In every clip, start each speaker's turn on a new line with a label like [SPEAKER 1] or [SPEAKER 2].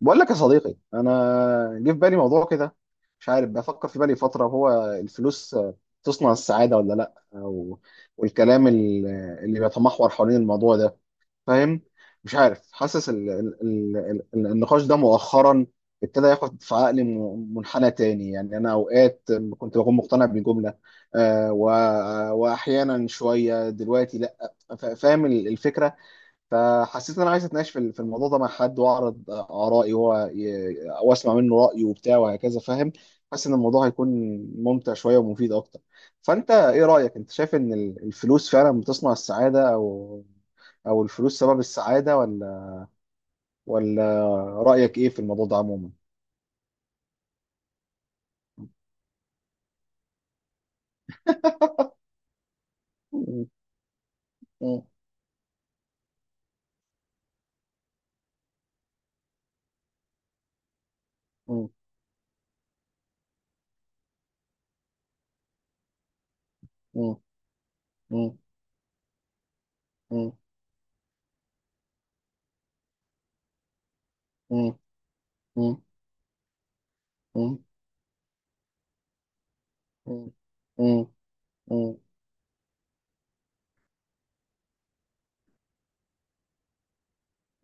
[SPEAKER 1] بقول لك يا صديقي، انا جه في بالي موضوع كده. مش عارف، بفكر في بالي فتره هو الفلوس تصنع السعاده ولا لا، أو والكلام اللي بيتمحور حوالين الموضوع ده، فاهم؟ مش عارف حاسس ال النقاش ده مؤخرا ابتدى ياخد في عقلي منحنى تاني. يعني انا اوقات كنت بكون مقتنع بجمله، آه، و- واحيانا شويه دلوقتي لا، فاهم الفكره. فحسيت ان انا عايز اتناقش في الموضوع ده مع حد، واعرض ارائي واسمع منه رايه وبتاع وهكذا، فاهم؟ حاسس ان الموضوع هيكون ممتع شويه ومفيد اكتر. فانت ايه رايك؟ انت شايف ان الفلوس فعلا بتصنع السعاده، او الفلوس سبب السعاده، ولا رايك ايه في الموضوع ده عموما؟ مم. مم. مم. مم. مم. مم. مم. مم. مم. مم. مم.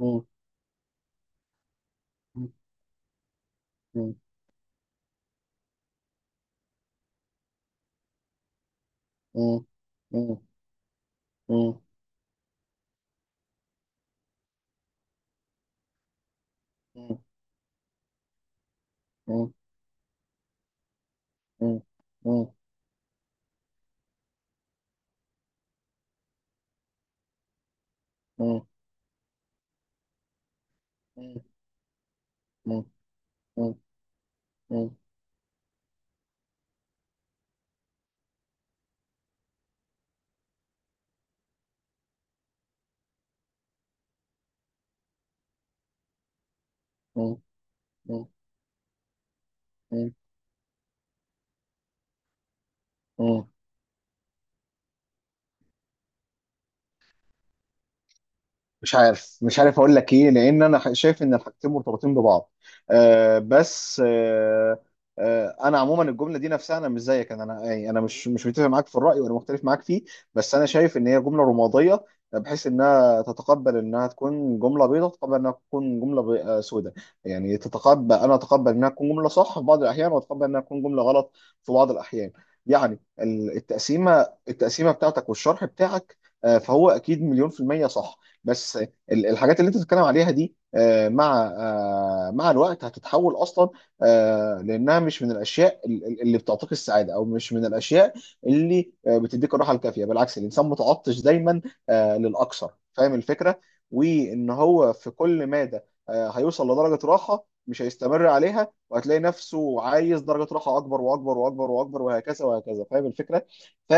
[SPEAKER 1] مم. مم. مم. مم. مم. مم. مم. مم. مم. مم. مم. مم. مم. مم. مم. مم. مش عارف اقول لك ايه، لان انا شايف ان الحاجتين مرتبطين ببعض. آه، بس آه. آه، انا عموما الجمله دي نفسها، انا مش زيك، انا يعني انا مش متفق معاك في الراي ولا مختلف معاك فيه. بس انا شايف ان هي جمله رماديه، بحيث انها تتقبل انها تكون جمله بيضاء، تتقبل انها تكون جمله سوداء. يعني انا اتقبل انها تكون جمله صح في بعض الاحيان، واتقبل انها تكون جمله غلط في بعض الاحيان. يعني التقسيمه بتاعتك والشرح بتاعك، فهو اكيد مليون في المية، صح. بس الحاجات اللي انت بتتكلم عليها دي مع الوقت هتتحول اصلا، لانها مش من الاشياء اللي بتعطيك السعاده، او مش من الاشياء اللي بتديك الراحه الكافيه. بالعكس، الانسان متعطش دايما للاكثر، فاهم الفكره؟ وان هو في كل مادة هيوصل لدرجه راحه مش هيستمر عليها، وهتلاقي نفسه عايز درجه راحه اكبر واكبر واكبر واكبر وهكذا وهكذا، فاهم الفكره؟ ف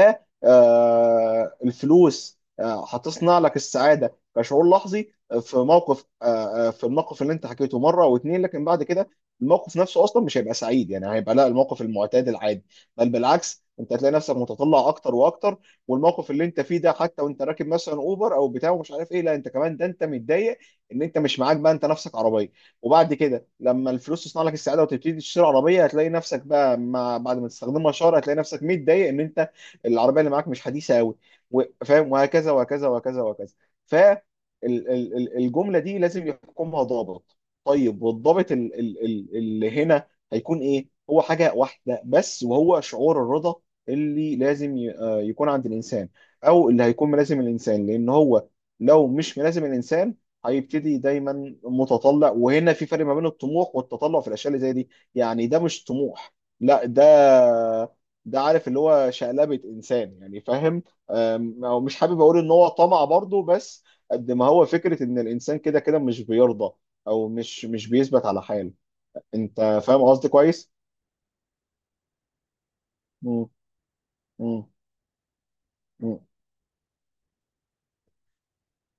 [SPEAKER 1] آه، الفلوس هتصنع لك السعاده كشعور لحظي آه، في موقف آه، آه، في الموقف اللي انت حكيته مره او اتنين، لكن بعد كده الموقف نفسه اصلا مش هيبقى سعيد، يعني هيبقى لا، الموقف المعتاد العادي. بل بالعكس، انت هتلاقي نفسك متطلع اكتر واكتر، والموقف اللي انت فيه ده حتى وانت راكب مثلا اوبر او بتاع ومش عارف ايه، لا انت كمان ده انت متضايق ان انت مش معاك بقى انت نفسك عربيه. وبعد كده لما الفلوس تصنع لك السعاده وتبتدي تشتري عربيه، هتلاقي نفسك بقى مع بعد ما تستخدمها شهر هتلاقي نفسك متضايق ان انت العربيه اللي معاك مش حديثه قوي، فاهم؟ وهكذا وهكذا وهكذا وهكذا. الجمله دي لازم يحكمها ضابط. طيب، والضابط اللي هنا هيكون ايه؟ هو حاجه واحده بس، وهو شعور الرضا اللي لازم يكون عند الانسان، او اللي هيكون ملازم الانسان، لان هو لو مش ملازم الانسان هيبتدي دايما متطلع. وهنا في فرق ما بين الطموح والتطلع في الاشياء اللي زي دي. يعني ده مش طموح، لا ده، عارف اللي هو شقلبة انسان، يعني فاهم؟ أو مش حابب اقول ان هو طمع برضه، بس قد ما هو فكرة إن الإنسان كده كده مش بيرضى، أو مش بيثبت على حاله. أنت فاهم قصدي كويس؟ مم. مم. مم.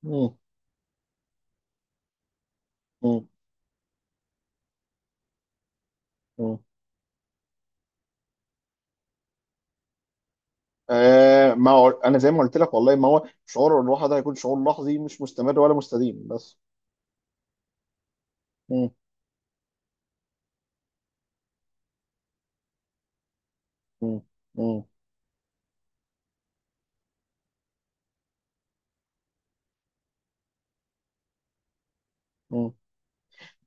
[SPEAKER 1] مم. مم. مم. آه، ما هو أنا زي ما قلت لك، والله ما هو شعور الراحة ده هيكون شعور لحظي مش مستمر ولا مستديم، بس. مم. مم. مم. مم.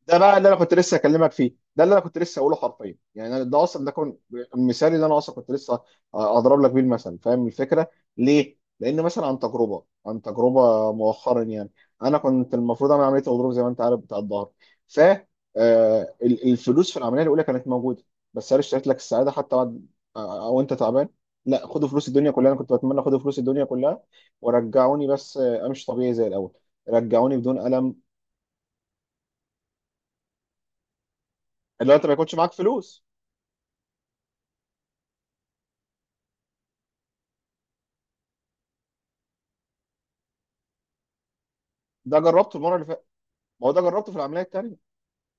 [SPEAKER 1] ده بقى اللي انا كنت لسه اكلمك فيه، ده اللي انا كنت لسه اقوله حرفيا، يعني ده اصلا ده كان المثال اللي انا اصلا كنت لسه اضرب لك بيه المثل. فاهم الفكره؟ ليه؟ لان مثلا عن تجربه مؤخرا يعني انا كنت المفروض اعمل عمليه غضروف زي ما انت عارف بتاع الظهر. ف الفلوس في العمليه الاولى كانت موجوده، بس هل اشتريت لك السعاده حتى بعد او انت تعبان؟ لا، خدوا فلوس الدنيا كلها، انا كنت بتمنى خدوا فلوس الدنيا كلها ورجعوني بس امشي طبيعي زي الاول، رجعوني بدون الم. اللي هو انت ما يكونش معاك فلوس. ده جربته المره اللي فاتت، ما هو ده جربته في العمليه التانيه.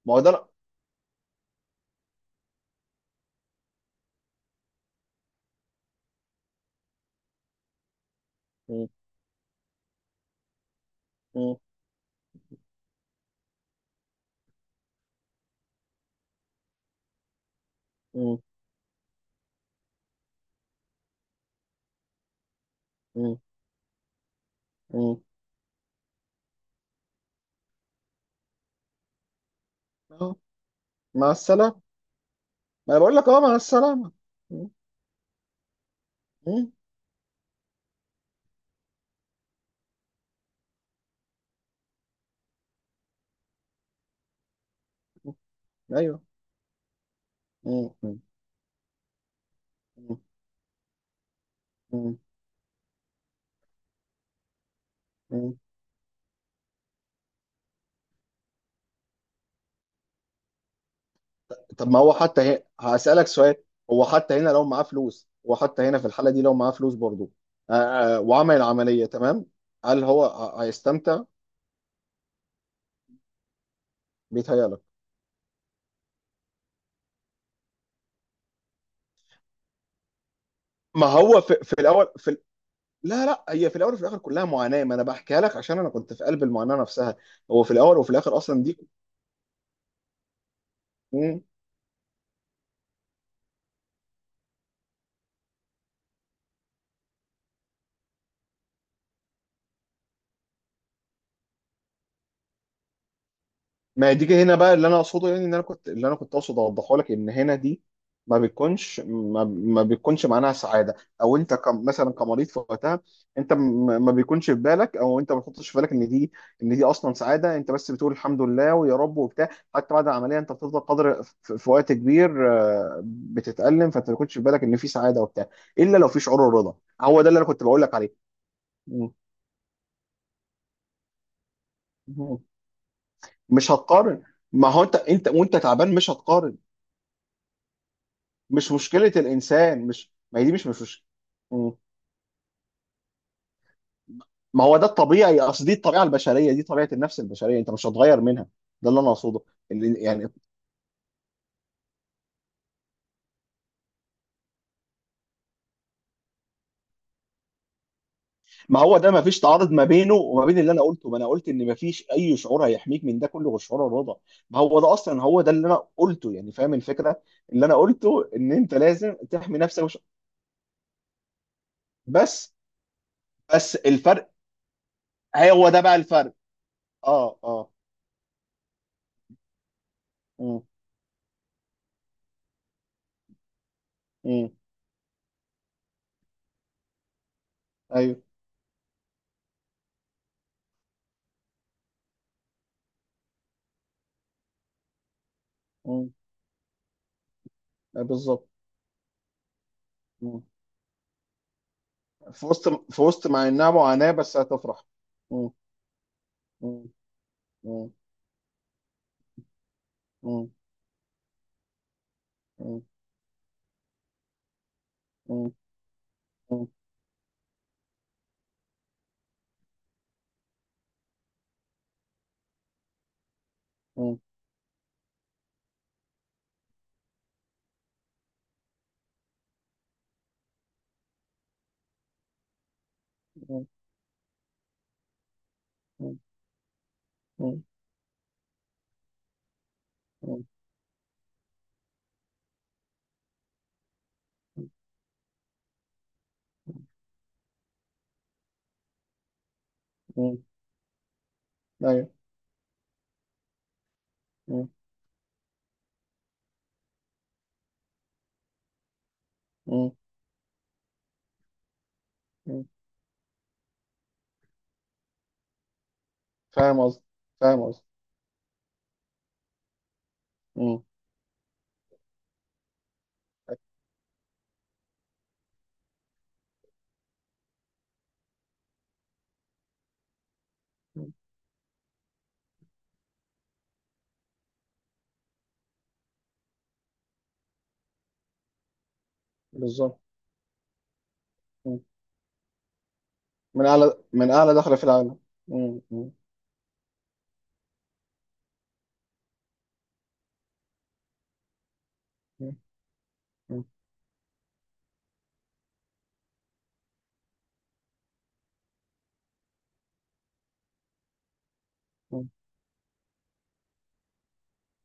[SPEAKER 1] ما هو ده لا. م- م- م- م- م- م. مع السلامه، ما انا بقول لك، اه مع السلامه. م- م- م. ايوه. م- م- م- م- م. طب ما هو حتى هسالك سؤال. هو حتى هنا في الحاله دي لو معاه فلوس برضه وعمل العمليه تمام، هل هو هيستمتع؟ بيتهيألك. ما هو في الاول في، لا لا، هي في الاول وفي الاخر كلها معاناه، ما انا بحكيها لك عشان انا كنت في قلب المعاناه نفسها، هو في الاول وفي الاخر اصلا. دي. ما دي كده هنا بقى اللي انا اقصده، يعني ان انا كنت اللي انا كنت اقصد اوضحه لك ان هنا دي ما بتكونش معناها سعاده، او انت مثلا كمريض في وقتها، انت ما بيكونش في بالك، او انت ما بتحطش في بالك ان دي، ان دي اصلا سعاده. انت بس بتقول الحمد لله ويا رب وبتاع. حتى بعد العمليه انت بتفضل قدر في وقت كبير بتتالم، فانت ما بيكونش في بالك ان في سعاده وبتاع، الا لو في شعور الرضا. هو ده اللي انا كنت بقول لك عليه. م- م- مش هتقارن، ما هو انت وانت تعبان مش هتقارن. مش مشكله الانسان مش، ما هي دي مم. ما هو ده الطبيعي، اصل دي الطبيعه البشريه، دي طبيعه النفس البشريه، انت مش هتغير منها. ده اللي انا اقصده. يعني، ما هو ده ما فيش تعارض ما بينه وما بين اللي انا قلته، ما انا قلت ان ما فيش اي شعور هيحميك من ده كله غير شعور الرضا. ما هو ده اصلا هو ده اللي انا قلته، يعني فاهم الفكره؟ اللي انا قلته ان انت لازم تحمي نفسك بس. الفرق، هو ده بقى الفرق. اه، اه. امم امم ايوه. امم بالظبط. في وسط مع انها معاناة بس هتفرح. مم. مم. مم. مم. مم. مم. مم. مم. مم. مم. مم. مم. مم. ايوه. مم. مم. مم. فاهم قصدي، فاهم قصدي. مم. مم. بالظبط. مم. من اعلى دخلة في العالم. مم. مم. مم. مم.